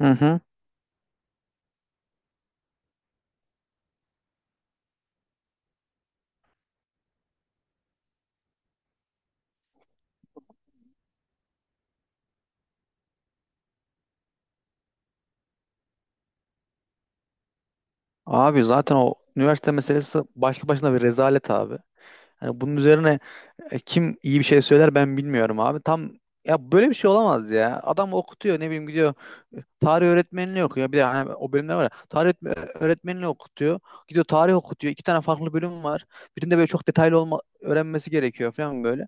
Hı hı. Abi zaten o üniversite meselesi başlı başına bir rezalet abi. Hani bunun üzerine kim iyi bir şey söyler ben bilmiyorum abi. Tam ya böyle bir şey olamaz ya. Adam okutuyor, ne bileyim, gidiyor tarih öğretmenliği okuyor. Bir de hani o bölümler var ya. Öğretmenliği okutuyor. Gidiyor tarih okutuyor. 2 tane farklı bölüm var. Birinde böyle çok detaylı olma öğrenmesi gerekiyor falan böyle.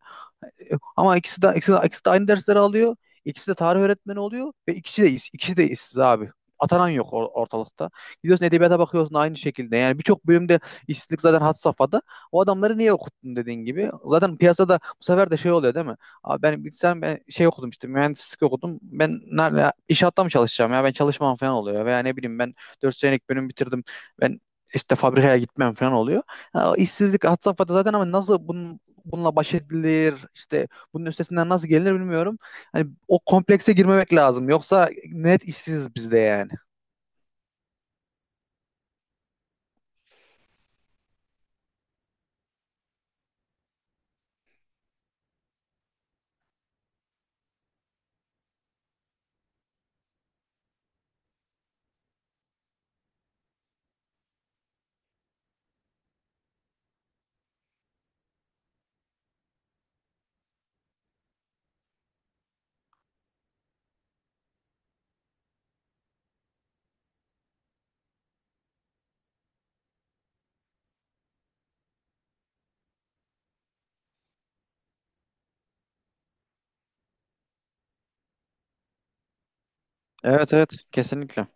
Ama ikisi de aynı dersleri alıyor. İkisi de tarih öğretmeni oluyor ve ikisi de işsiz abi. Atanan yok ortalıkta. Gidiyorsun edebiyata bakıyorsun aynı şekilde. Yani birçok bölümde işsizlik zaten had safhada. O adamları niye okuttun dediğin gibi. Zaten piyasada bu sefer de şey oluyor değil mi? Abi ben bilsem, ben şey okudum, işte mühendislik okudum. Ben nerede, inşaatta mı çalışacağım, ya ben çalışmam falan oluyor. Veya ne bileyim, ben 4 senelik bölüm bitirdim. Ben işte fabrikaya gitmem falan oluyor. Ha, işsizlik had safhada zaten ama nasıl bunun, bununla baş edilir, işte bunun üstesinden nasıl gelinir bilmiyorum. Hani o komplekse girmemek lazım, yoksa net işsiz bizde yani. Evet evet, kesinlikle.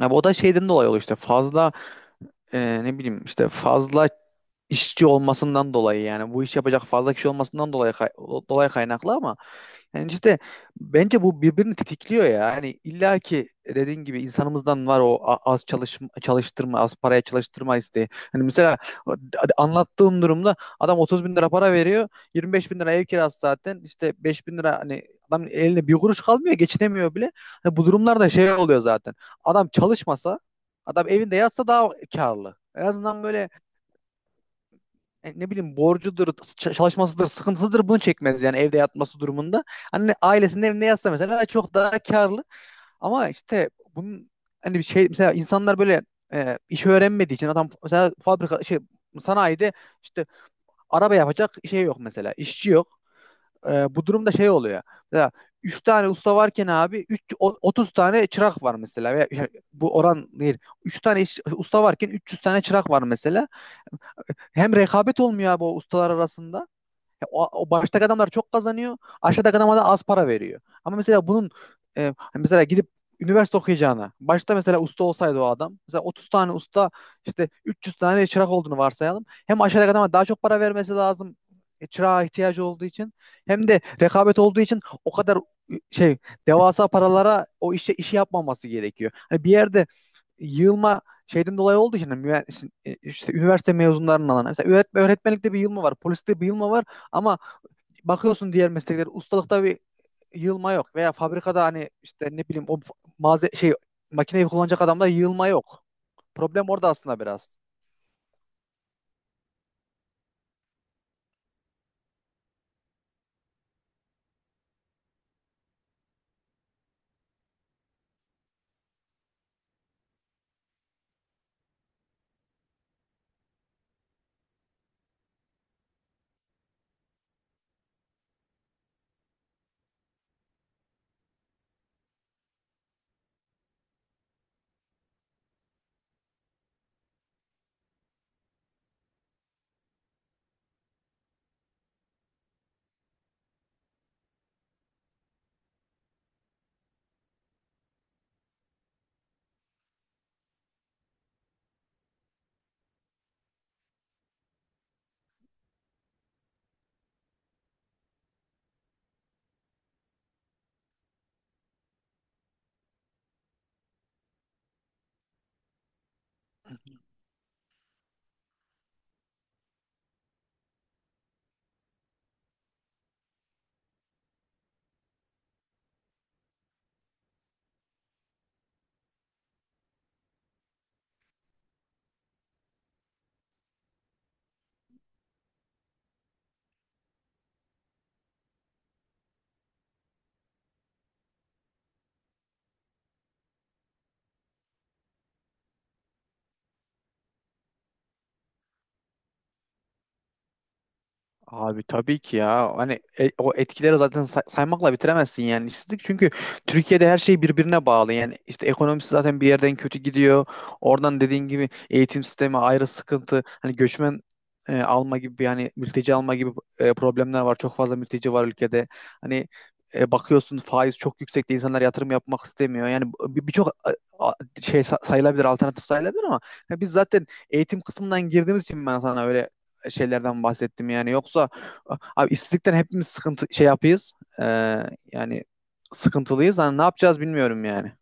Abi o da şeyden dolayı oluyor, işte fazla ne bileyim işte fazla işçi olmasından dolayı, yani bu iş yapacak fazla kişi olmasından dolayı kaynaklı ama yani işte bence bu birbirini tetikliyor ya. Yani illa ki dediğin gibi insanımızdan var o az çalış çalıştırma, az paraya çalıştırma isteği. Hani mesela anlattığım durumda adam 30 bin lira para veriyor. 25 bin lira ev kirası zaten. İşte 5 bin lira, hani adam eline bir kuruş kalmıyor. Geçinemiyor bile. Hani bu durumlarda şey oluyor zaten. Adam çalışmasa, adam evinde yatsa daha karlı. En azından böyle ne bileyim borcudur, çalışmasıdır, sıkıntısıdır bunu çekmez yani evde yatması durumunda. Anne ailesinin evinde yatsa mesela çok daha karlı, ama işte bunun hani bir şey, mesela insanlar böyle iş öğrenmediği için adam mesela fabrika şey, sanayide işte araba yapacak şey yok, mesela işçi yok. Bu durumda şey oluyor. Mesela 3 tane usta varken abi 3 30 tane çırak var mesela, veya yani bu oran değil. Usta varken 300 tane çırak var mesela. Hem rekabet olmuyor abi o ustalar arasında. Ya o baştaki adamlar çok kazanıyor. Aşağıdaki adama da az para veriyor. Ama mesela bunun hani mesela gidip üniversite okuyacağına başta mesela usta olsaydı, o adam mesela 30 tane usta, işte 300 tane çırak olduğunu varsayalım. Hem aşağıdaki adama daha çok para vermesi lazım çırağa ihtiyacı olduğu için, hem de rekabet olduğu için o kadar e, şey devasa paralara o işe işi yapmaması gerekiyor. Hani bir yerde yığılma şeyden dolayı olduğu için, hani işte, işte üniversite mezunlarının alanı. Mesela öğretmenlikte bir yığılma var, poliste bir yığılma var. Ama bakıyorsun diğer mesleklere, ustalıkta bir yığılma yok. Veya fabrikada hani işte ne bileyim o malze şey makineyi kullanacak adamda yığılma yok. Problem orada aslında biraz. Abi tabii ki ya. Hani o etkileri zaten saymakla bitiremezsin yani, işsizlik. Çünkü Türkiye'de her şey birbirine bağlı. Yani işte ekonomisi zaten bir yerden kötü gidiyor. Oradan dediğin gibi eğitim sistemi ayrı sıkıntı. Hani göçmen alma gibi bir, hani mülteci alma gibi problemler var. Çok fazla mülteci var ülkede. Hani bakıyorsun faiz çok yüksekte, insanlar yatırım yapmak istemiyor. Yani birçok a- sayılabilir, alternatif sayılabilir ama ya biz zaten eğitim kısmından girdiğimiz için ben sana öyle şeylerden bahsettim yani. Yoksa abi işsizlikten hepimiz sıkıntı şey yapıyız. Ee, Yani sıkıntılıyız. Hani ne yapacağız bilmiyorum yani.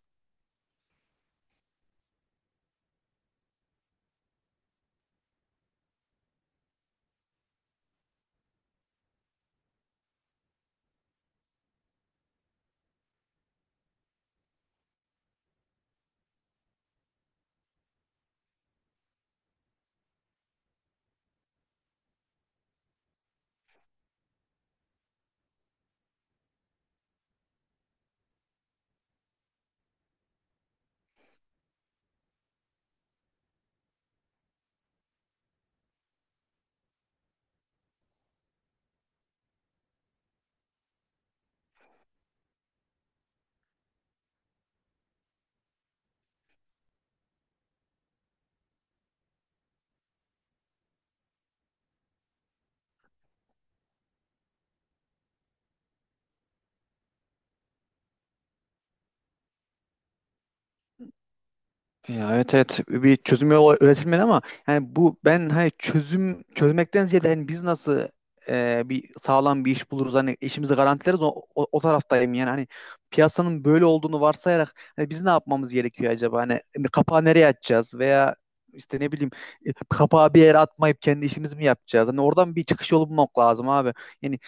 Ya evet evet, bir çözüm yolu üretilmedi ama yani bu ben, hani çözüm çözmekten ziyade hani biz nasıl bir sağlam bir iş buluruz, hani işimizi garantileriz, o taraftayım yani. Hani piyasanın böyle olduğunu varsayarak hani biz ne yapmamız gerekiyor acaba, hani kapağı nereye atacağız, veya işte ne bileyim kapağı bir yere atmayıp kendi işimizi mi yapacağız, hani oradan bir çıkış yolu bulmak lazım abi. Yani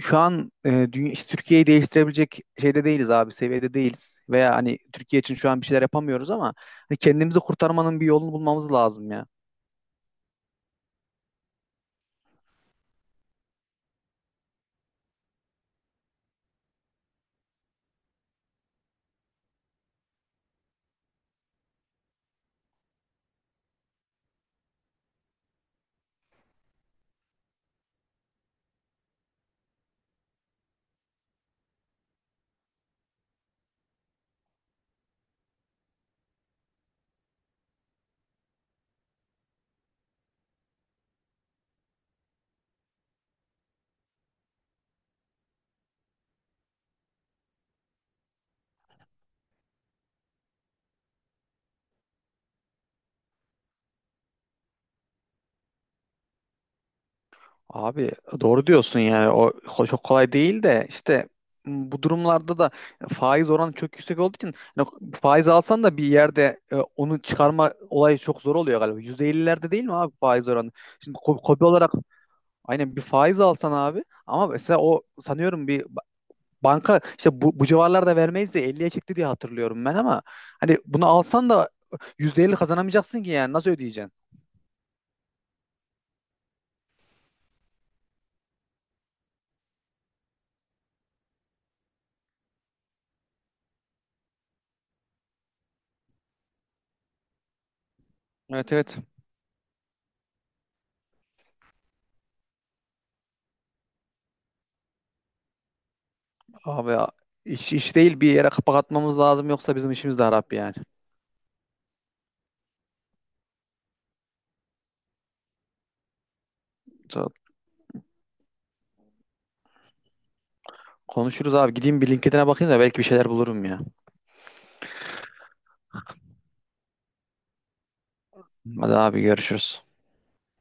şu an işte Türkiye'yi değiştirebilecek şeyde değiliz abi, seviyede değiliz. Veya hani Türkiye için şu an bir şeyler yapamıyoruz ama hani kendimizi kurtarmanın bir yolunu bulmamız lazım ya. Abi doğru diyorsun, yani çok kolay değil de, işte bu durumlarda da faiz oranı çok yüksek olduğu için hani faiz alsan da bir yerde onu çıkarma olayı çok zor oluyor galiba. %50'lerde değil mi abi faiz oranı? Şimdi kobi olarak, aynen bir faiz alsan abi, ama mesela o sanıyorum bir banka işte bu civarlarda vermeyiz de 50'ye çekti diye hatırlıyorum ben, ama hani bunu alsan da %50 kazanamayacaksın ki, yani nasıl ödeyeceksin? Evet evet, abi ya, iş değil, bir yere kapak atmamız lazım yoksa bizim işimiz de harap yani. Konuşuruz abi, gideyim bir LinkedIn'e bakayım da belki bir şeyler bulurum ya. Hadi abi, görüşürüz.